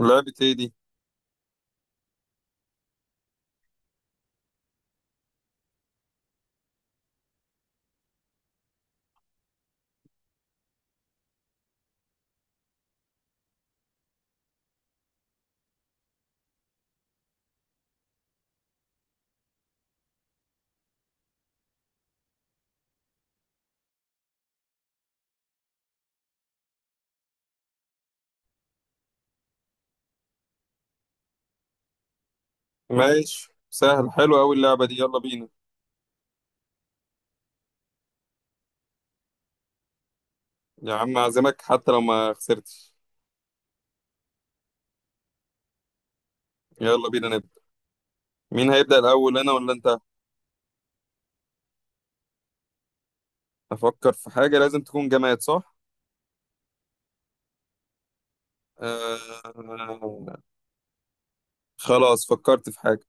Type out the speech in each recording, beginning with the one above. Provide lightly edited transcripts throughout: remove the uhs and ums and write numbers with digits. لعبة ايه دي؟ ماشي، سهل، حلو أوي اللعبة دي، يلا بينا. يا عم أعزمك حتى لو ما خسرتش. يلا بينا نبدأ. مين هيبدأ الأول، أنا ولا أنت؟ أفكر في حاجة لازم تكون جماد، صح؟ آه... خلاص فكرت في حاجة.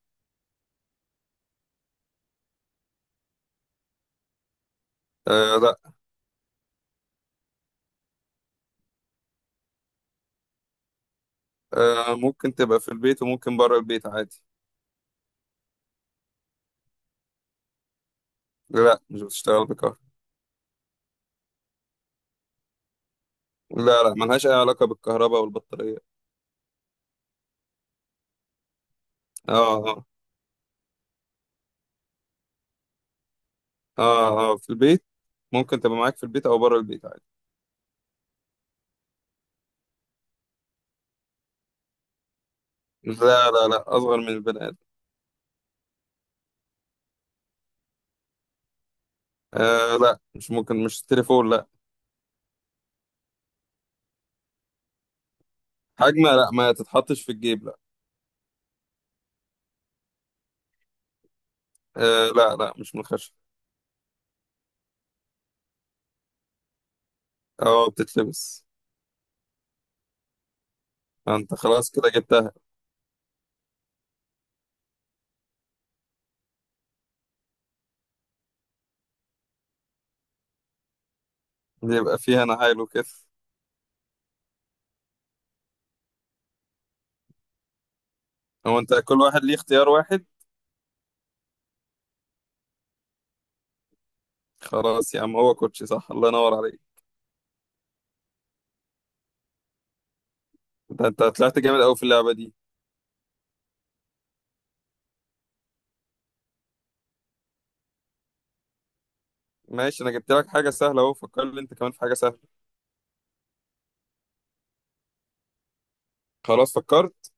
آه لا. آه ممكن تبقى في البيت وممكن بره البيت عادي. لا مش بتشتغل بكهرباء. لا لا ملهاش أي علاقة بالكهرباء والبطارية. آه آه. آه آه، في البيت. ممكن تبقى معاك في البيت أو بره البيت عادي. لا لا لا، أصغر من البني آدم. آه لا مش ممكن، مش التليفون لا. حجمها لا، ما تتحطش في الجيب لا. آه لا لا، مش من الخشب. اه بتتلبس. انت خلاص كده جبتها. بيبقى فيها نعال وكده. هو انت كل واحد ليه اختيار واحد؟ خلاص يا عم، هو كوتشي صح، الله ينور عليك. انت طلعت جامد قوي في اللعبة دي. ماشي، انا جبت لك حاجة سهلة اهو، فكر لي انت كمان في حاجة سهلة. خلاص فكرت.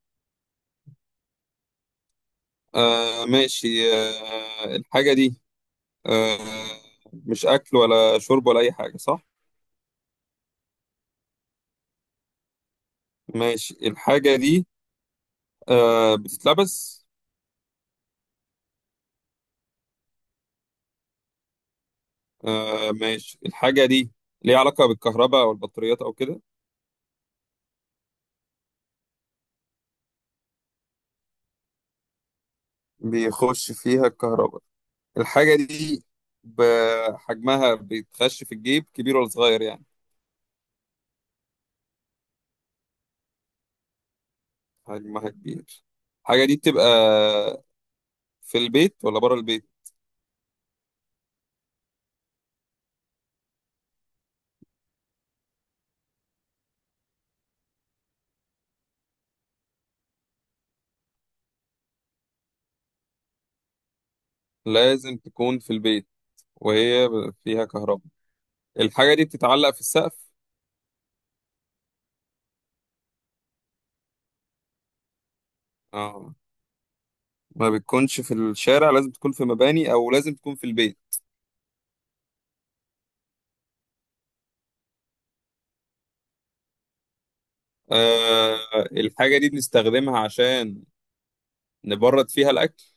آه ماشي، آه الحاجة دي، آه، مش اكل ولا شرب ولا اي حاجة صح. ماشي، الحاجة دي، آه، بتتلبس. آه ماشي، الحاجة دي ليها علاقة بالكهرباء أو البطاريات أو كده. بيخش فيها الكهرباء. الحاجة دي بحجمها بيتخش في الجيب، كبير ولا صغير يعني. حجمها كبير. الحاجة دي بتبقى في البيت ولا بره البيت؟ لازم تكون في البيت. وهي فيها كهرباء. الحاجة دي بتتعلق في السقف؟ اه. ما بتكونش في الشارع، لازم تكون في مباني أو لازم تكون في البيت. آه، الحاجة دي بنستخدمها عشان نبرد فيها الأكل.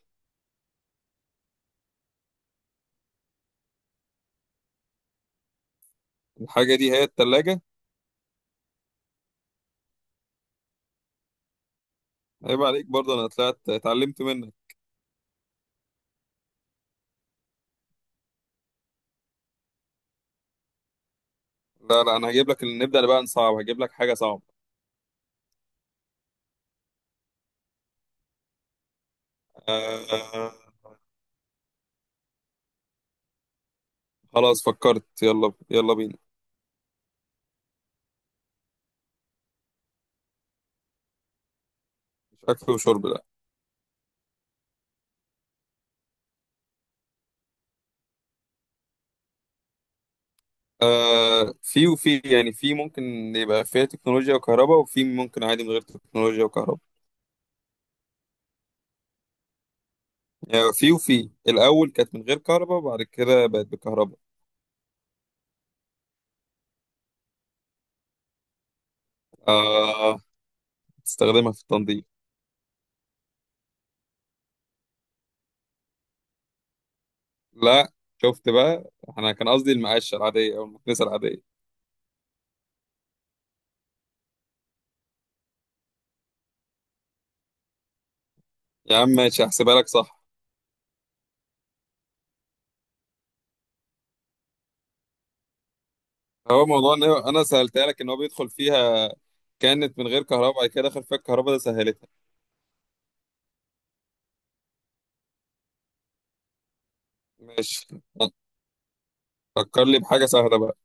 الحاجة دي هي التلاجة. عيب عليك برضه، أنا طلعت اتعلمت منك. لا لا، أنا هجيب لك، نبدأ بقى نصعب، هجيب لك حاجة صعبة. آه. خلاص فكرت، يلا يلا بينا. مش أكل وشرب ده. آه في وفي، يعني في ممكن يبقى فيها تكنولوجيا وكهرباء، وفي ممكن عادي من غير تكنولوجيا وكهرباء. يعني في وفي الأول كانت من غير كهرباء وبعد كده بقت بكهرباء. آه، تستخدمها في التنظيف. لا. شفت بقى؟ أنا كان قصدي المقاشة العادية أو المكنسة العادية. يا عم ماشي، هحسبها لك صح. هو موضوع ان انا سالتها لك ان هو بيدخل فيها، كانت من غير كهرباء بعد كده دخل فيها الكهرباء، ده سهلتها. ماشي، فكر لي بحاجه سهله بقى.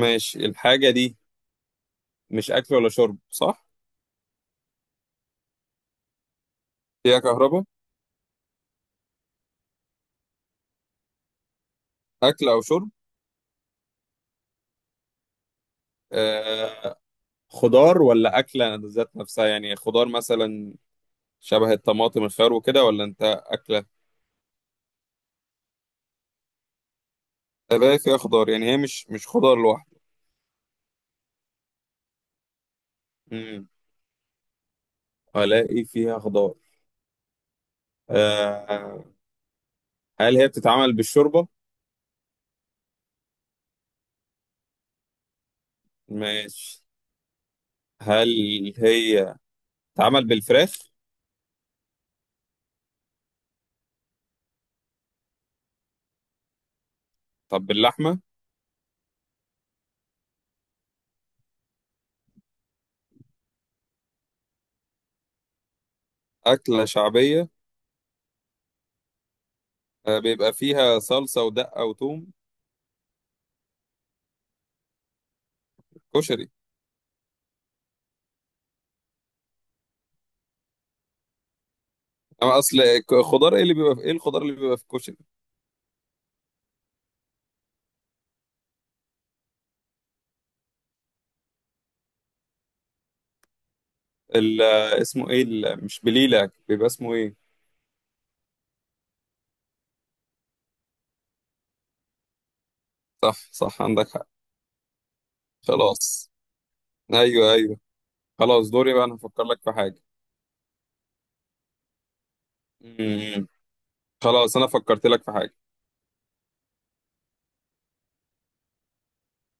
ماشي، الحاجه دي، مش اكل ولا شرب صح. فيها كهرباء. اكل او شرب. آه، خضار ولا اكله ذات نفسها، يعني خضار مثلا شبه الطماطم الخيار وكده ولا انت اكله. الاقي فيها خضار، يعني هي مش خضار لوحده. امم، الاقي فيها خضار. آه، هل هي بتتعمل بالشوربه؟ ماشي. هل هي اتعمل بالفراخ؟ طب باللحمة؟ أكلة شعبية. بيبقى فيها صلصة ودقة وثوم. كشري. أما أصل، خضار إيه اللي بيبقى في، إيه الخضار اللي بيبقى في الكشري. اسمه إيه، مش بليلة، بيبقى اسمه إيه. صح صح، عندك حق. خلاص. أيوه أيوه. خلاص دوري بقى، أنا هفكر لك في حاجة. مم. خلاص أنا فكرت لك في حاجة.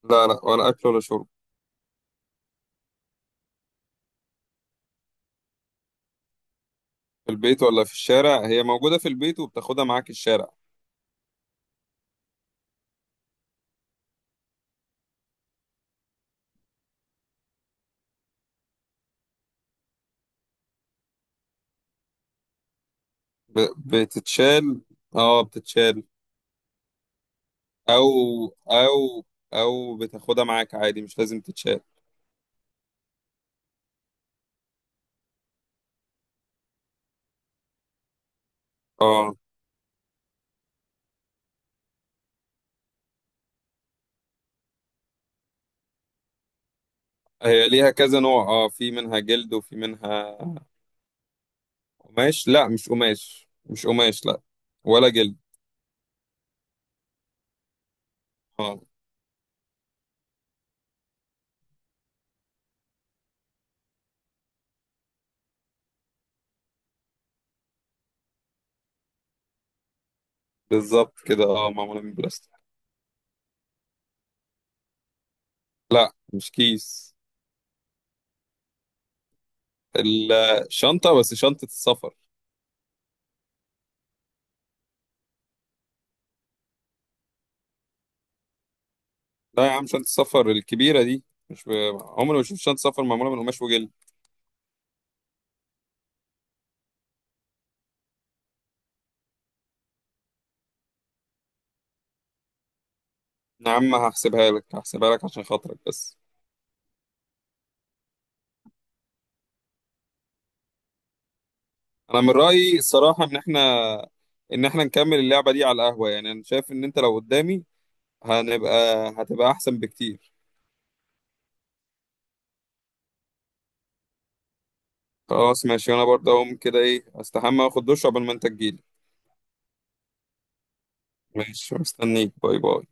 لا لا، ولا أكل ولا شرب. في البيت ولا في الشارع؟ هي موجودة في البيت وبتاخدها معاك الشارع. بتتشال، اه بتتشال. او او او بتاخدها معاك عادي مش لازم تتشال. اه. هي ليها كذا نوع، اه في منها جلد وفي منها قماش، لا مش قماش، مش قماش لا، ولا جلد. اه بالظبط كده، اه معمولة من بلاستيك. لا مش كيس. الشنطة، بس شنطة السفر. لا يا عم، شنطة السفر الكبيرة دي مش ب... عمري ما شفت شنطة سفر معمولة من قماش وجلد. يا عم هحسبها لك، هحسبها لك عشان خاطرك بس. انا من رايي الصراحه ان احنا، ان احنا نكمل اللعبه دي على القهوه، يعني انا شايف ان انت لو قدامي هنبقى هتبقى احسن بكتير. خلاص ماشي، وانا برضه اقوم كده ايه استحمى واخد دش قبل ما انت تجيلي. ماشي مستنيك، باي باي.